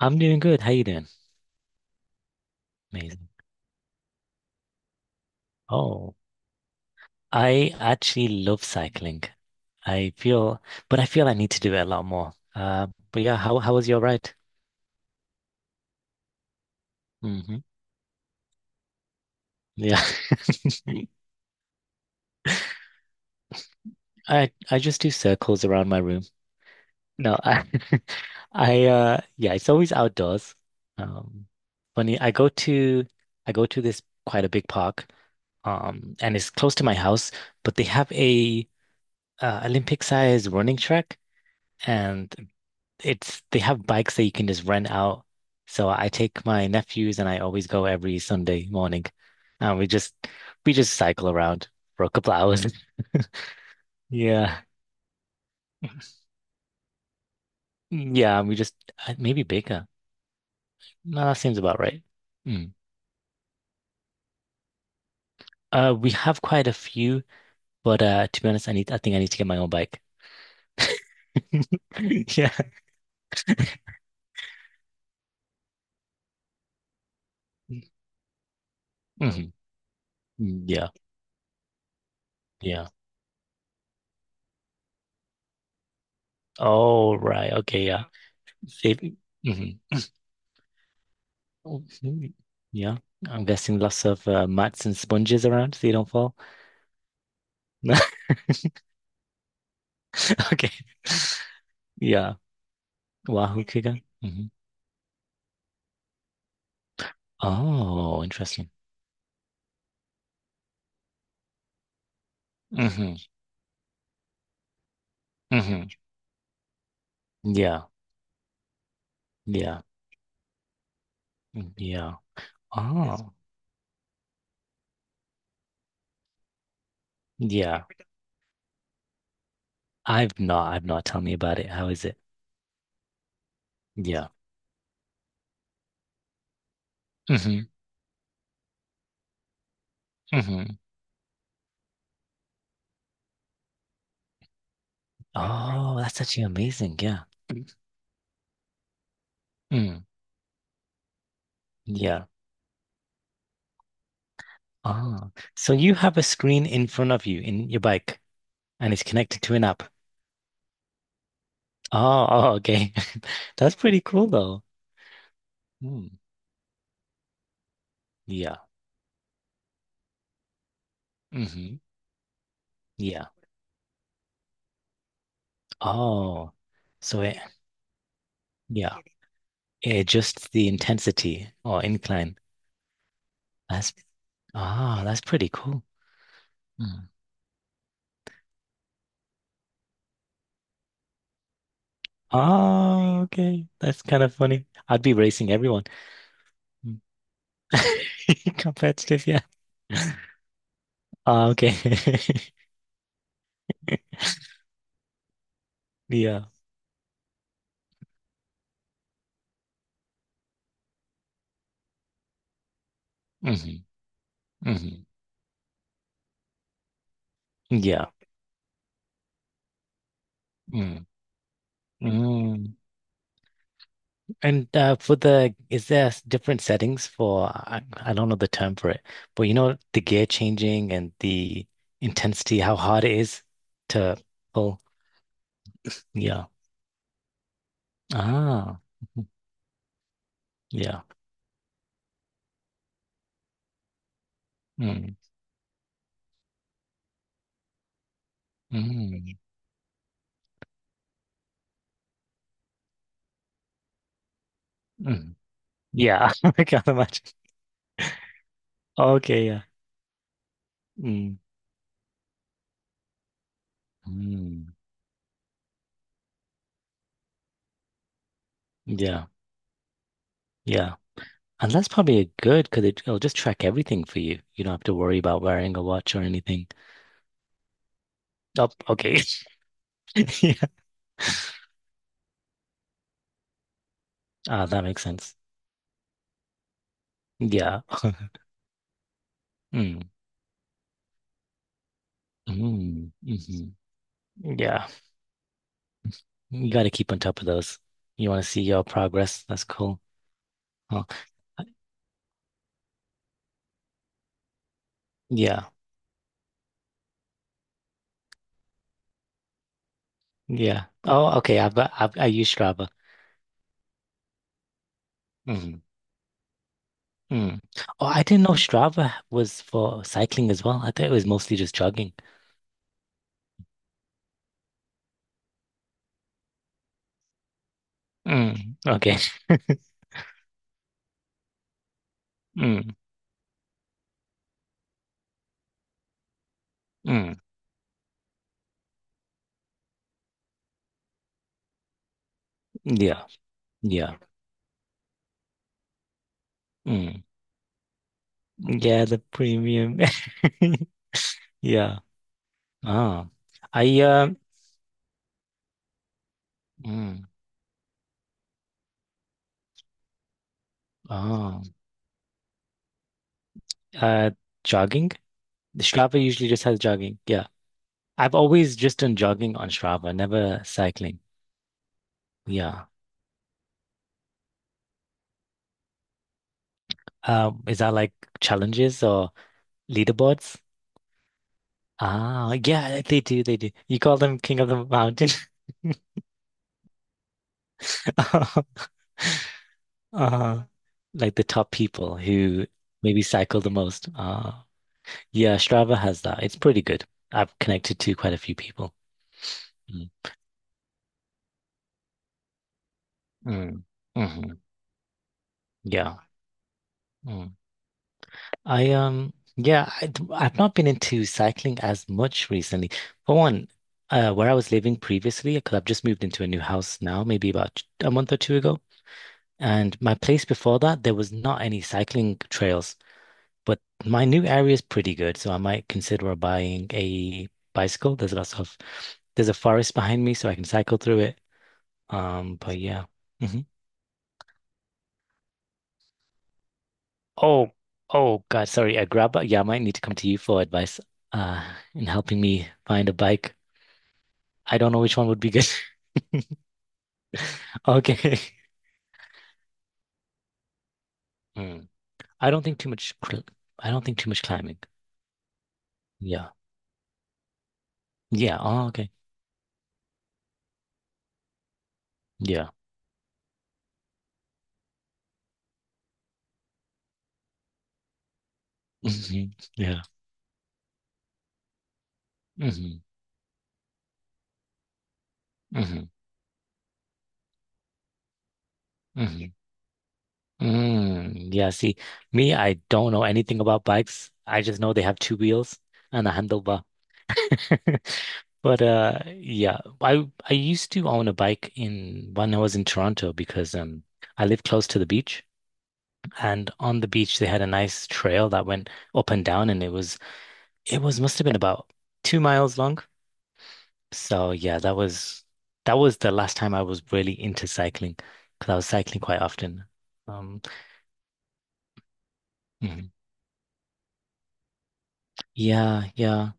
I'm doing good. How you doing? Amazing. Oh, I actually love cycling. I feel, but I feel I need to do it a lot more. But yeah, how was your ride? hmm Yeah, I just do circles around my room. No, I I yeah, it's always outdoors. Um, funny, I go to this quite a big park, and it's close to my house, but they have a Olympic size running track. And it's they have bikes that you can just rent out. So I take my nephews and I always go every Sunday morning. And we just cycle around for a couple hours. Yeah. Mm, yeah, and we just maybe bigger. No, that seems about right. Mm. Uh, we have quite a few, but uh, to be honest, I think I need to get my own bike. Yeah. Mhm. Yeah. Yeah. Oh, right. Okay, yeah. Save. Mhm. Oh, mm, Yeah, I'm guessing lots of mats and sponges around so you don't fall. Okay. Yeah, Wahoo Kiga. Oh, interesting. hmm hmm Yeah, yeah, mm, yeah. Oh, yeah. I've not. I've not. Tell me about it. How is it? Yeah. hmm hmm Oh, that's actually amazing. Yeah. Mm, yeah. Oh, so you have a screen in front of you in your bike, and it's connected to an app. Oh, oh, okay. That's pretty cool though. Hmm. Yeah. hmm Yeah. Oh. So it, yeah, it adjusts the intensity or incline. That's ah, that's pretty cool. Mm. Oh, okay. That's kind of funny. I'd be racing everyone. Mm. Competitive, yeah. Ah, okay. Yeah. hmm hmm Yeah. Mm. Mm. And for the, is there different settings for, I don't know the term for it, but you know, the gear changing and the intensity, how hard it is to pull. Yeah. Ah, mhm. Yeah. Mm, mm, mm. Yeah. I can't imagine. Okay. Yeah. Mm, mm. Yeah. Yeah. And that's probably good because it'll just track everything for you. You don't have to worry about wearing a watch or anything. Oh, okay. Yeah. Ah, that makes sense. Yeah. Mm. Mm, hmm. Yeah, you got to keep on top of those. You want to see your progress. That's cool. Oh, yeah, yeah. Oh, okay. I've got. I use Strava. Hmm. Mm. Oh, I didn't know Strava was for cycling as well. I thought it was mostly just jogging. Mm, okay. Mm, mm. Yeah, yeah. Mm. Yeah, the premium. Yeah. Oh, I. Mm. Oh, uh, jogging. The Strava usually just has jogging. Yeah. I've always just done jogging on Strava, never cycling. Yeah. Is that like challenges or leaderboards? Ah, yeah, they do. You call them King of the Mountain. Uh, uh, like the top people who maybe cycle the most. Ah, yeah, Strava has that. It's pretty good. I've connected to quite a few people. Mm. Mm. hmm Yeah. Mm. I yeah, I have not been into cycling as much recently. For one, where I was living previously, because I've just moved into a new house now, maybe about a month or two ago, and my place before that there was not any cycling trails. But my new area is pretty good, so I might consider buying a bicycle. There's lots of There's a forest behind me, so I can cycle through it. But yeah. Mm-hmm. Oh, oh God, sorry. A grab bike. Yeah, I might need to come to you for advice uh in helping me find a bike. I don't know which one would be good. Okay. Hmm. I don't think too much cl- I don't think too much climbing. Yeah. Yeah. Oh, okay. Yeah. hmm Yeah. hmm hmm hmm Mm. Yeah, see, me, I don't know anything about bikes. I just know they have two wheels and a handlebar. But yeah, I used to own a bike in when I was in Toronto because I lived close to the beach, and on the beach they had a nice trail that went up and down, and it was must have been about 2 miles long. So yeah, that was the last time I was really into cycling because I was cycling quite often. Um mhm. Yeah, yeah.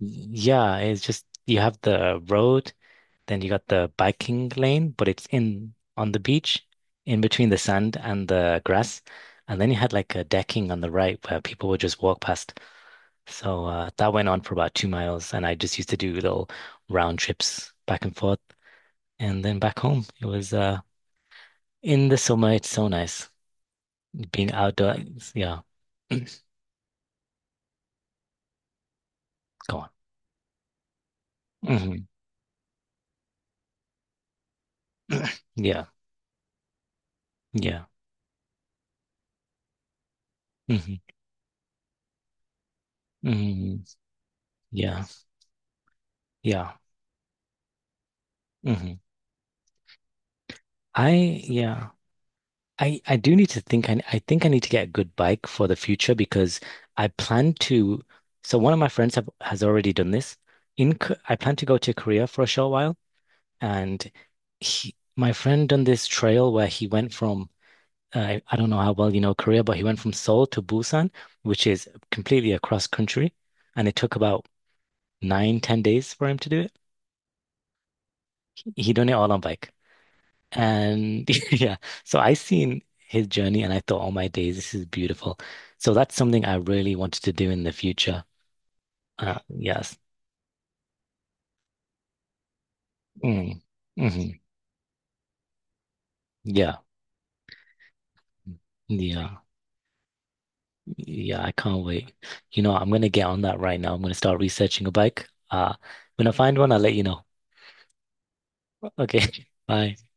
Yeah, it's just you have the road. Then you got the biking lane, but it's in on the beach, in between the sand and the grass. And then you had like a decking on the right where people would just walk past. So that went on for about 2 miles, and I just used to do little round trips back and forth, and then back home. It was in the summer. It's so nice being outdoors. Yeah, go on. hmm Yeah, yeah. hmm hmm Yeah, yeah. hmm I yeah. I think I need to get a good bike for the future because I plan to so one of my friends have has already done this I plan to go to Korea for a short while, and he my friend done this trail where he went from I don't know how well you know Korea, but he went from Seoul to Busan, which is completely across country, and it took about 9 10 days for him to do it. He done it all on bike. And yeah, so I seen his journey and I thought, oh my days, this is beautiful. So that's something I really wanted to do in the future. Yes. Mm. hmm Yeah. Yeah. Yeah. I can't wait. You know, I'm going to get on that right now. I'm going to start researching a bike. When I find one, I'll let you know. Okay. Bye.